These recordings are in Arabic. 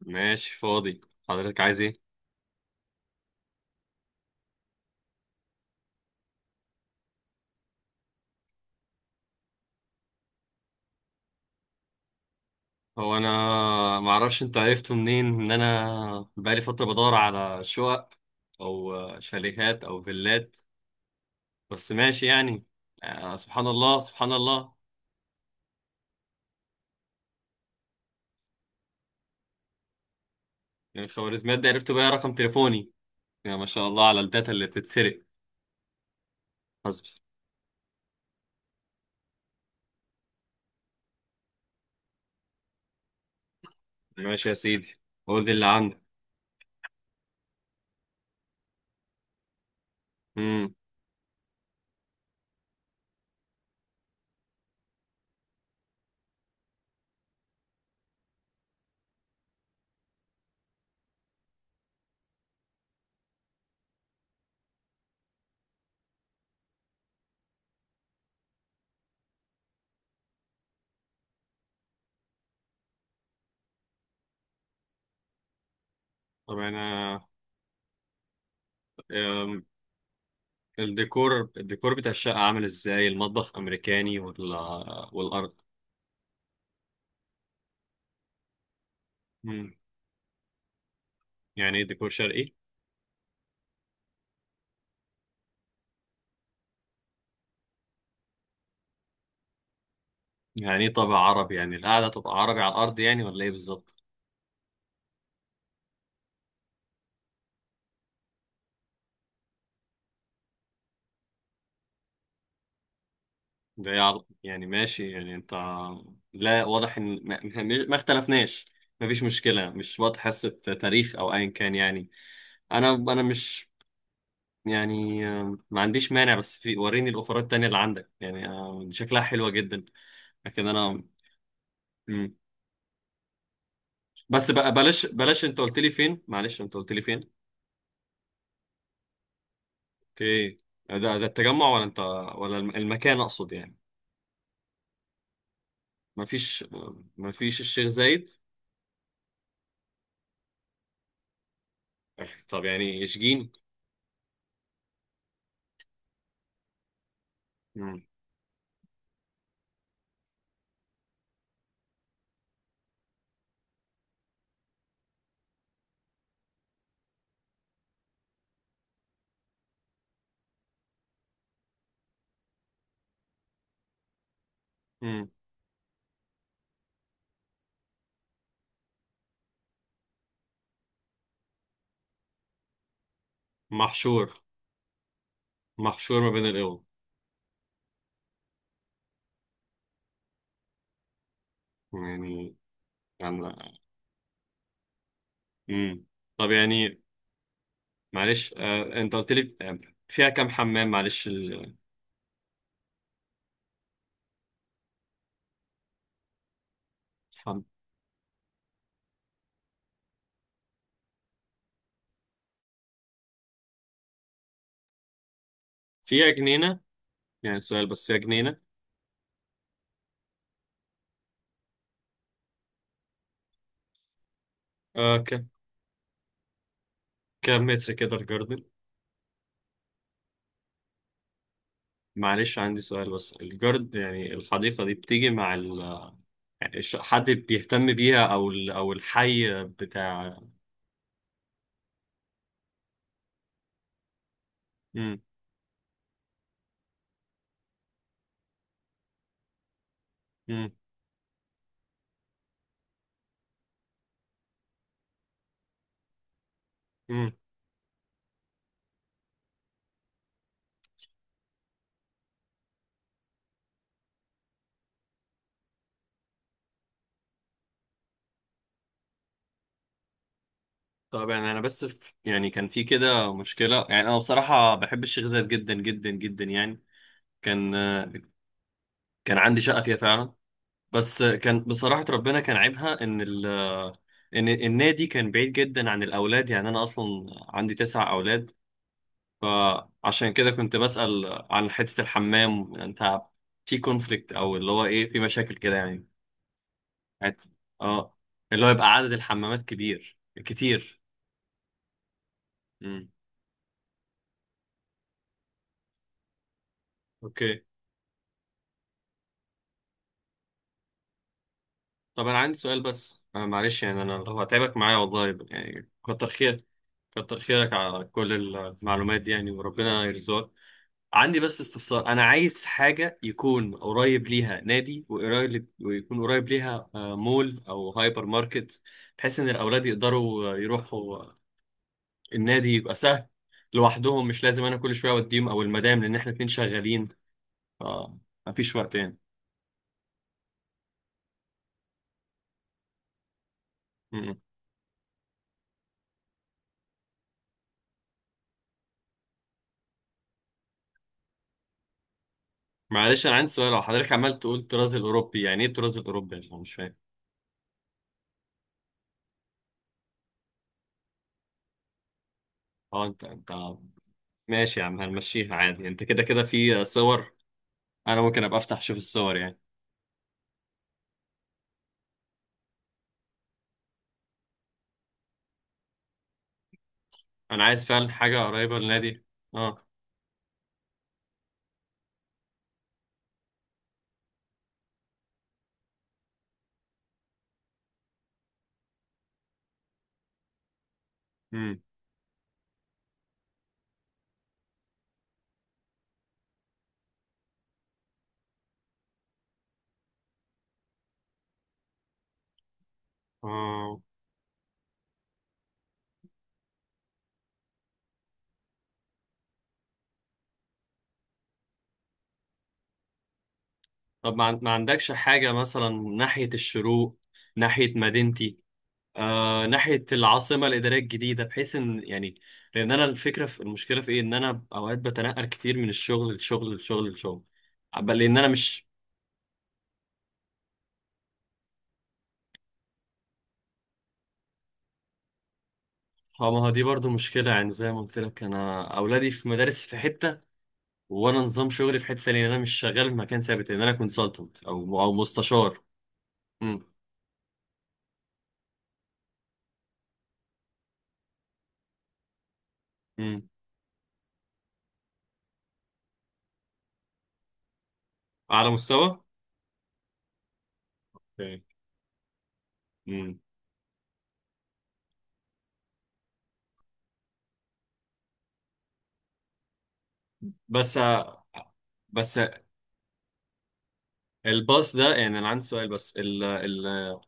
ماشي، فاضي. حضرتك عايز ايه؟ هو انا ما اعرفش انت عرفته منين ان انا بقالي فتره بدور على شقق او شاليهات او فيلات، بس ماشي يعني. سبحان الله سبحان الله. من الخوارزميات دي عرفت بقى رقم تليفوني؟ يا ما شاء الله على الداتا اللي بتتسرق. حسبي. ماشي يا سيدي، قول لي اللي عندك. امم. طب انا. آم، الديكور بتاع الشقه عامل ازاي؟ المطبخ امريكاني ولا؟ والارض. امم. يعني ايه ديكور شرقي؟ يعني ايه طابع عربي؟ يعني القعدة تبقى عربي على الأرض يعني، ولا ايه بالظبط؟ ده إيه يعني ماشي، يعني انت. لا، واضح ان ما اختلفناش. مفيش مشكلة، مش وقت حصة تاريخ او ايا كان يعني. انا مش، يعني ما عنديش مانع، بس في وريني الاوفرات التانية اللي عندك، يعني دي شكلها حلوة جدا. لكن انا. مم. بس بقى، بلاش بلاش، انت قلت لي فين؟ معلش، انت قلت لي فين؟ اوكي. ده التجمع ولا انت، ولا المكان اقصد يعني؟ مفيش مفيش الشيخ زايد؟ طب يعني اشجين. مم. مم. محشور، محشور ما بين القوى. يعني أنا. مم. طب يعني، معلش، انت قلت لي، فيها كام حمام؟ معلش حم... فيها جنينة؟ يعني سؤال بس، فيها جنينة؟ آه ك... كام متر كده الجاردن؟ معلش، عندي سؤال بس يعني الحديقة دي بتيجي مع يعني حد بيهتم بيها؟ او او الحي بتاع. مم. مم. مم. طبعا انا بس في، يعني كان في كده مشكله. يعني انا بصراحه بحب الشيخ زايد جدا جدا جدا يعني. كان كان عندي شقه فيها فعلا. بس كان بصراحه ربنا، كان عيبها ان ان النادي كان بعيد جدا عن الاولاد. يعني انا اصلا عندي تسع اولاد. فعشان كده كنت بسال عن حته الحمام. انت في كونفليكت او اللي هو ايه، في مشاكل كده يعني؟ هت- اه، اللي هو يبقى عدد الحمامات كبير. كتير. امم. اوكي. طب انا عندي سؤال بس، أنا معلش يعني، انا لو هتعبك معايا والله يعني، كتر خير. كتر خيرك على كل المعلومات دي يعني، وربنا يرزقك. عندي بس استفسار: انا عايز حاجه يكون قريب ليها نادي ويكون قريب ليها مول او هايبر ماركت، بحيث ان الاولاد يقدروا يروحوا. النادي يبقى سهل لوحدهم، مش لازم انا كل شويه اوديهم او المدام، لان احنا اتنين شغالين، فمفيش وقت يعني. معلش انا عندي سؤال، لو حضرتك عمال تقول الطراز الاوروبي، يعني ايه الطراز الاوروبي؟ يعني انا مش فاهم. اه انت ماشي يا عم، هنمشيها عادي، انت كده كده في صور. انا ممكن ابقى افتح اشوف الصور يعني؟ انا عايز فعلا حاجه قريبه للنادي. اه. امم. اه. طب ما عندكش حاجه مثلا ناحيه الشروق، ناحيه مدينتي، ناحيه العاصمه الاداريه الجديده، بحيث ان يعني، لان انا الفكره، في المشكله في ايه، ان انا اوقات بتنقل كتير من الشغل للشغل للشغل للشغل. بل لأن أنا مش. اه، ما هو دي برضو مشكلة يعني. زي ما قلت لك، أنا أولادي في مدارس في حتة، وأنا نظام شغلي في حتة تانية، لأن أنا مش شغال في مكان ثابت، لأن أنا كونسلتنت أو مستشار. امم. امم. أعلى مستوى. اوكي. امم. بس. بس الباص ده، يعني أنا عندي سؤال بس، ال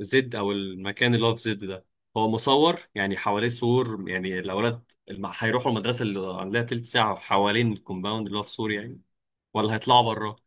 زد أو المكان اللي هو في زد ده، هو مصور يعني، حواليه سور يعني؟ الأولاد هيروحوا المدرسة اللي عليها تلت ساعة، حوالين الكومباوند اللي هو في سور يعني، ولا هيطلعوا بره؟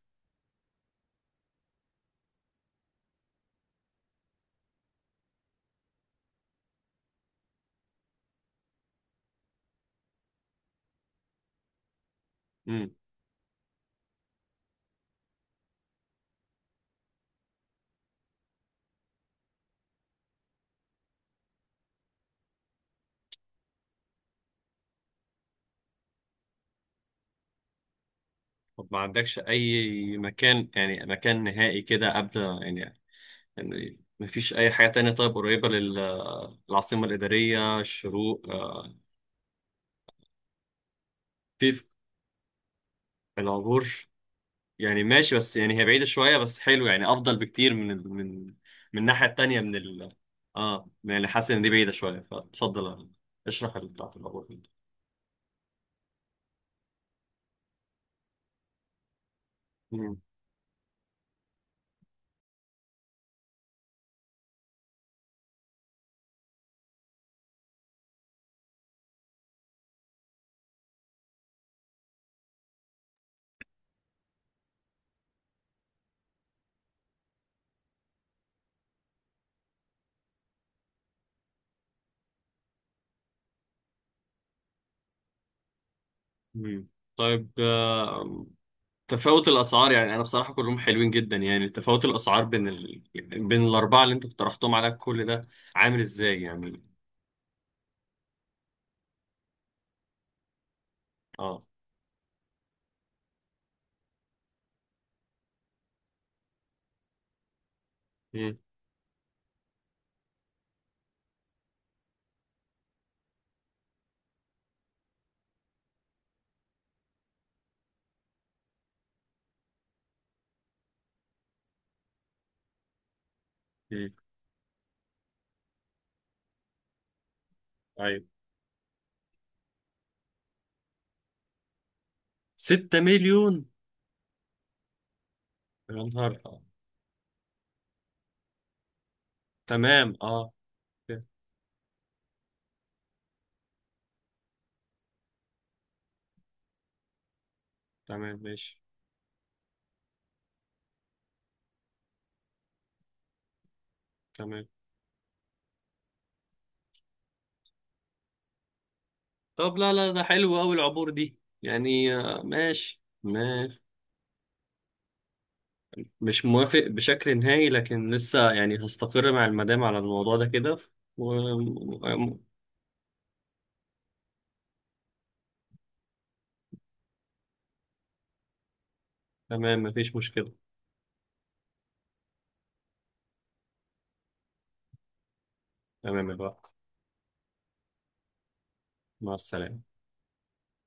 طب ما عندكش اي مكان، يعني مكان نهائي كده قبل يعني؟ يعني مفيش اي حاجة تانية طيب قريبة للعاصمة الإدارية، الشروق، في، في العبور؟ يعني ماشي، بس يعني هي بعيدة شوية، بس حلو يعني، افضل بكتير من الناحية التانية من ال اه يعني، حاسس ان دي بعيدة شوية، فتفضل اشرح اللي بتاعت العبور دي. مم. مم. طيب، تفاوت الاسعار، يعني انا بصراحه كلهم حلوين جدا، يعني تفاوت الاسعار بين بين الاربعه اللي انت اقترحتهم على كل ده، عامل ازاي يعني؟ اه. مم. مم. ايوه. 6 مليون! يا نهار آه. تمام اه. ت- تمام ماشي. تمام. طب لا، لا، ده حلو قوي العبور دي يعني، آه ماشي ماشي. مش موافق بشكل نهائي، لكن لسه يعني هستقر مع المدام على الموضوع ده كده. و... و- تمام، مفيش مشكلة. تمام يا بقى، مع السلامة.